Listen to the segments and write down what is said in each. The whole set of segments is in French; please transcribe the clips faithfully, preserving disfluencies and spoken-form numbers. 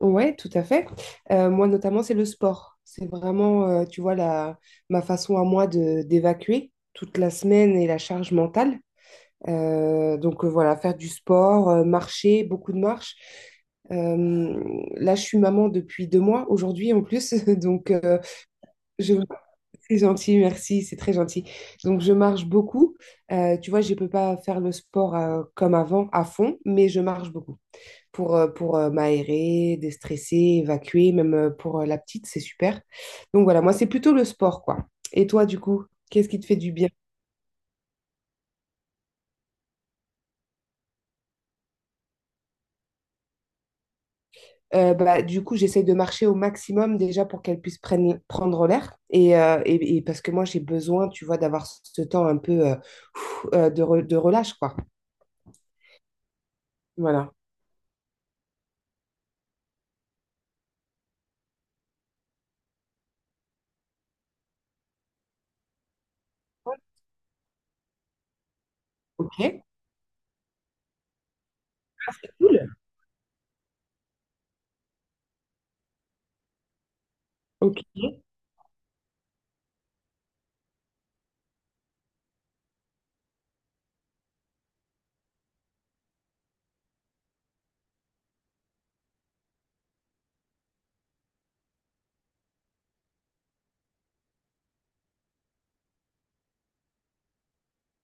Ouais, tout à fait. Euh, moi, notamment, c'est le sport. C'est vraiment, euh, tu vois, la, ma façon à moi de d'évacuer toute la semaine et la charge mentale. Euh, donc euh, voilà, faire du sport, euh, marcher, beaucoup de marches. Euh, là, je suis maman depuis deux mois, aujourd'hui en plus. Donc, euh, je... c'est gentil, merci, c'est très gentil. Donc, je marche beaucoup. Euh, tu vois, je peux pas faire le sport euh, comme avant, à fond, mais je marche beaucoup pour, euh, pour euh, m'aérer, déstresser, évacuer, même euh, pour euh, la petite, c'est super. Donc voilà, moi, c'est plutôt le sport, quoi. Et toi, du coup, qu'est-ce qui te fait du bien? Euh, bah, du coup, j'essaye de marcher au maximum déjà pour qu'elle puisse prenne- prendre l'air. Et, euh, et, et parce que moi, j'ai besoin, tu vois, d'avoir ce temps un peu euh, pff, euh, de, re- de relâche, quoi. Voilà. Ok, c'est cool. Ok,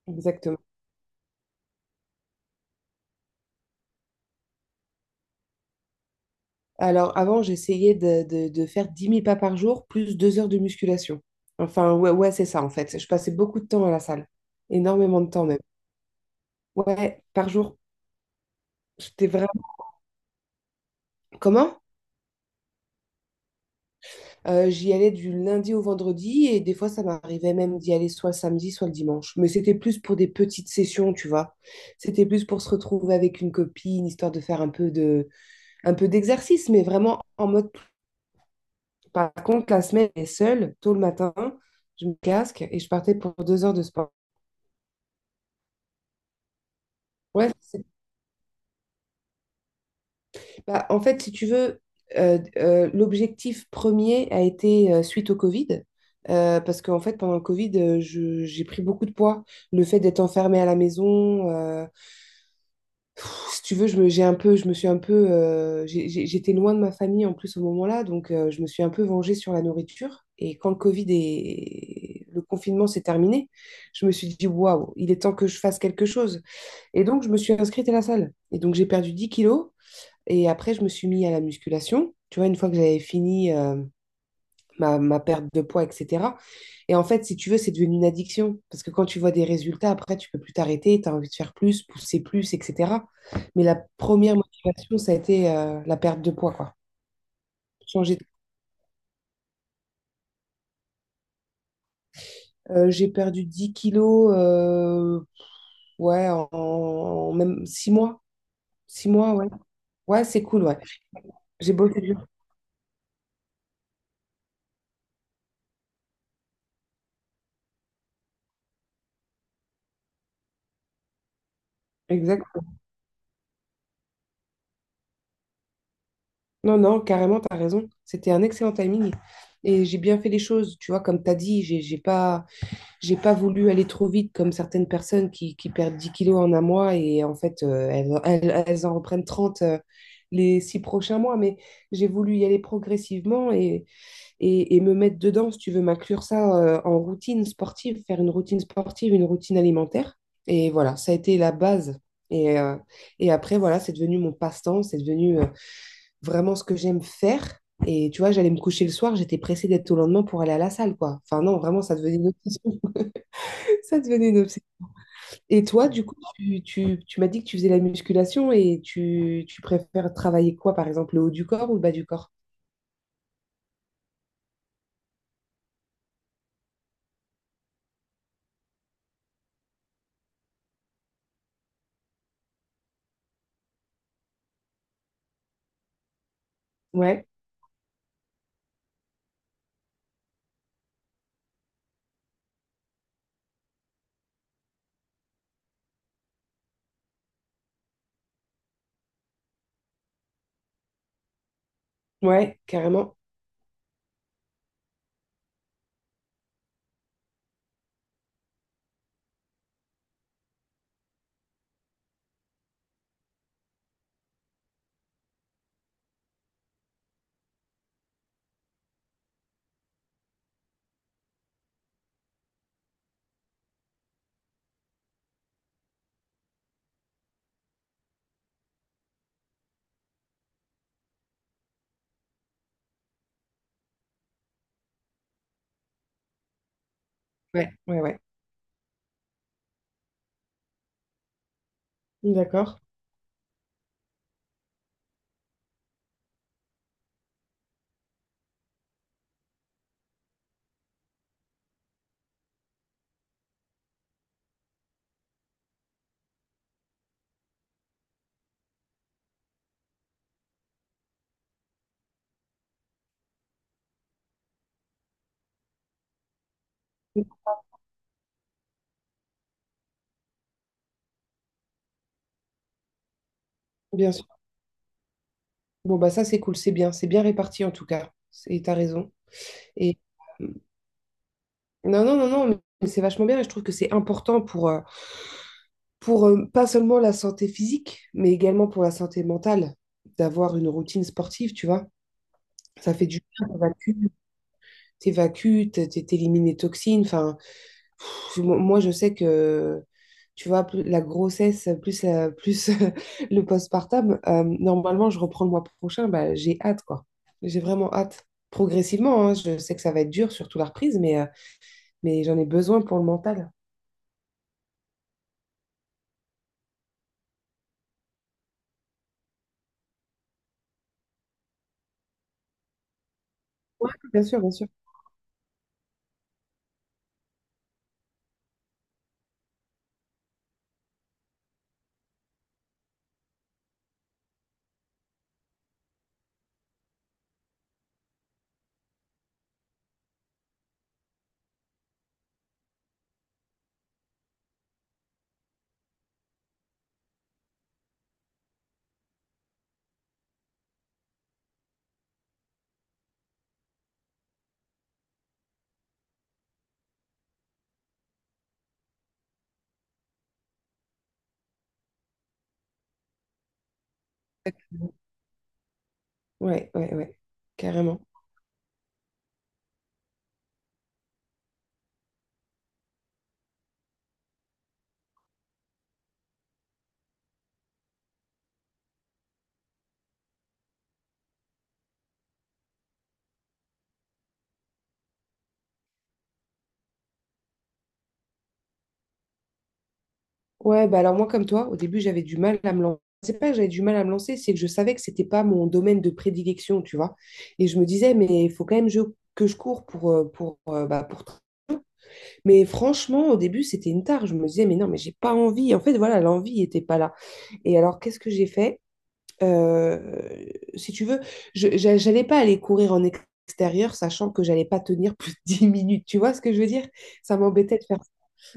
exactement. Alors, avant, j'essayais de, de- de faire dix mille pas par jour, plus deux heures de musculation. Enfin, ouais, ouais, c'est ça, en fait. Je passais beaucoup de temps à la salle. Énormément de temps, même. Ouais, par jour. C'était vraiment... Comment? Euh, j'y allais du lundi au vendredi, et des fois, ça m'arrivait même d'y aller soit le samedi, soit le dimanche. Mais c'était plus pour des petites sessions, tu vois. C'était plus pour se retrouver avec une copine, histoire de faire un peu de, un peu d'exercice, mais vraiment en mode. Par contre, la semaine, elle est seule, tôt le matin, je me casque et je partais pour deux heures de sport. Ouais, c'est- bah, en fait, si tu veux, euh, euh, l'objectif premier a été euh, suite au Covid. euh, parce qu'en fait, pendant le Covid, euh, je- j'ai pris beaucoup de poids. Le fait d'être enfermée à la maison, euh, Pff, Si tu veux, je me, j'ai un peu, je me suis un peu, euh, j'ai- j'ai- j'étais loin de ma famille en plus au moment-là, donc euh, je me suis un peu vengée sur la nourriture. Et quand le Covid et le confinement s'est terminé, je me suis dit, waouh, il est temps que je fasse quelque chose. Et donc, je me suis inscrite à la salle. Et donc, j'ai perdu dix kilos. Et après, je me suis mis à la musculation. Tu vois, une fois que j'avais fini euh, ma, ma perte de poids, et cetera. Et en fait, si tu veux, c'est devenu une addiction. Parce que quand tu vois des résultats, après, tu peux plus t'arrêter, tu as envie de faire plus, pousser plus, et cetera. Mais la première motivation, ça a été euh, la perte de poids, quoi. Changer de- euh, j'ai perdu dix kilos, euh, ouais, en, en même six mois. Six mois, ouais. Ouais, c'est cool, ouais. J'ai bossé dur. Exact. Non, non, carrément, tu as raison. C'était un excellent timing. Et j'ai bien fait les choses, tu vois, comme tu as dit, j'ai j'ai pas... J'ai pas voulu aller trop vite comme certaines personnes qui, qui perdent dix kilos en un mois et en fait, euh, elles, elles- elles en reprennent trente euh, les six prochains mois. Mais j'ai voulu y aller progressivement et, et, et me mettre dedans, si tu veux, m'inclure ça euh, en routine sportive, faire une routine sportive, une routine alimentaire. Et voilà, ça a été la base. Et, euh, et après, voilà, c'est devenu mon passe-temps, c'est devenu euh, vraiment ce que j'aime faire. Et tu vois, j'allais me coucher le soir, j'étais pressée d'être au lendemain pour aller à la salle, quoi. Enfin, non, vraiment, ça devenait une obsession. Ça devenait une obsession. Et toi, du coup, tu, tu- tu m'as dit que tu faisais la musculation et tu, tu préfères travailler quoi, par exemple, le haut du corps ou le bas du corps? Ouais, ouais, carrément. Ouais, ouais, ouais. D'accord. Bien sûr. Bon, bah ça, c'est cool, c'est bien. C'est bien réparti en tout cas. Et t'as raison. Et euh, non, non, non, non, mais c'est vachement bien et je trouve que c'est important pour, euh, pour euh, pas seulement la santé physique, mais également pour la santé mentale, d'avoir une routine sportive, tu vois. Ça fait du bien, ça va t'évacues, t'élimines les toxines. Enfin, moi, je sais que, tu vois, plus la grossesse, plus, la- plus le postpartum, euh, normalement, je reprends le mois prochain. Bah, j'ai hâte, quoi. J'ai vraiment hâte. Progressivement, hein, je sais que ça va être dur, surtout la reprise, mais, euh, mais j'en ai besoin pour le mental. Ouais, bien sûr, bien sûr. Ouais, ouais, ouais. Carrément. Ouais, bah alors moi, comme toi, au début, j'avais du mal à me lancer. C'est pas que j'avais du mal à me lancer, c'est que je savais que c'était pas mon domaine de prédilection, tu vois. Et je me disais, mais il faut quand même je- que je cours pour, euh, pour, euh, bah, pour... tra- Mais franchement, au début, c'était une tare. Je me disais, mais non, mais j'ai pas envie. En fait, voilà, l'envie n'était pas là. Et alors, qu'est-ce que j'ai fait? Euh, si tu veux, je, j'a- j'allais pas aller courir en extérieur, sachant que j'allais pas tenir plus de dix minutes. Tu vois ce que je veux dire? Ça m'embêtait de faire.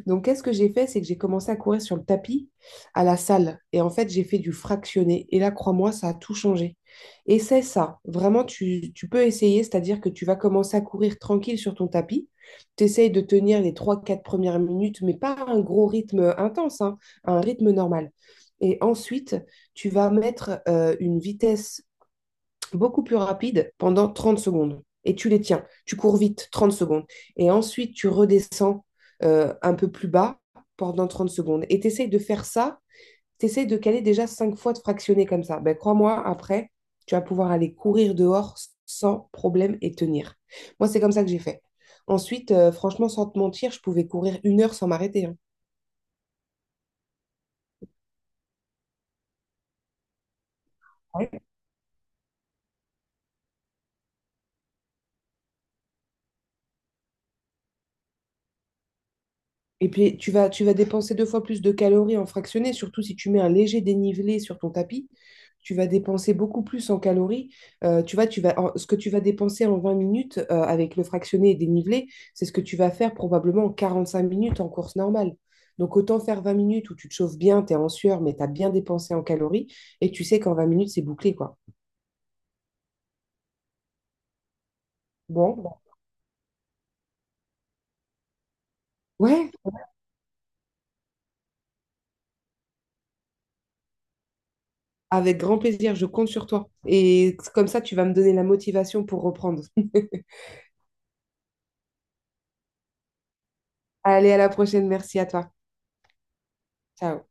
Donc, qu'est-ce que j'ai fait? C'est que j'ai commencé à courir sur le tapis à la salle. Et en fait, j'ai fait du fractionné. Et là, crois-moi, ça a tout changé. Et c'est ça. Vraiment, tu, tu peux essayer, c'est-à-dire que tu vas commencer à courir tranquille sur ton tapis. Tu essayes de tenir les trois, quatre premières minutes, mais pas un gros rythme intense, hein, un rythme normal. Et ensuite, tu vas mettre euh, une vitesse beaucoup plus rapide pendant trente secondes. Et tu les tiens. Tu cours vite, trente secondes. Et ensuite, tu redescends euh, un peu plus bas pendant trente secondes. Et tu essayes de faire ça. Tu essayes de caler déjà cinq fois de fractionner comme ça. Ben, crois-moi, après, tu vas pouvoir aller courir dehors sans problème et tenir. Moi, c'est comme ça que j'ai fait. Ensuite, euh, franchement, sans te mentir, je pouvais courir une heure sans m'arrêter. hein. Oui, Et puis, tu vas, tu vas dépenser deux fois plus de calories en fractionné, surtout si tu mets un léger dénivelé sur ton tapis. Tu vas dépenser beaucoup plus en calories. Euh, tu vois, tu vas, en- ce que tu vas dépenser en vingt minutes euh, avec le fractionné et dénivelé, c'est ce que tu vas faire probablement en cinq minutes en course normale. Donc, autant faire vingt minutes où tu te chauffes bien, tu es en sueur, mais tu as bien dépensé en calories et tu sais qu'en vingt minutes, c'est bouclé, quoi. Bon, bah, ouais, avec grand plaisir, je compte sur toi. Et comme ça, tu vas me donner la motivation pour reprendre. Allez, à la prochaine. Merci à toi. Ciao.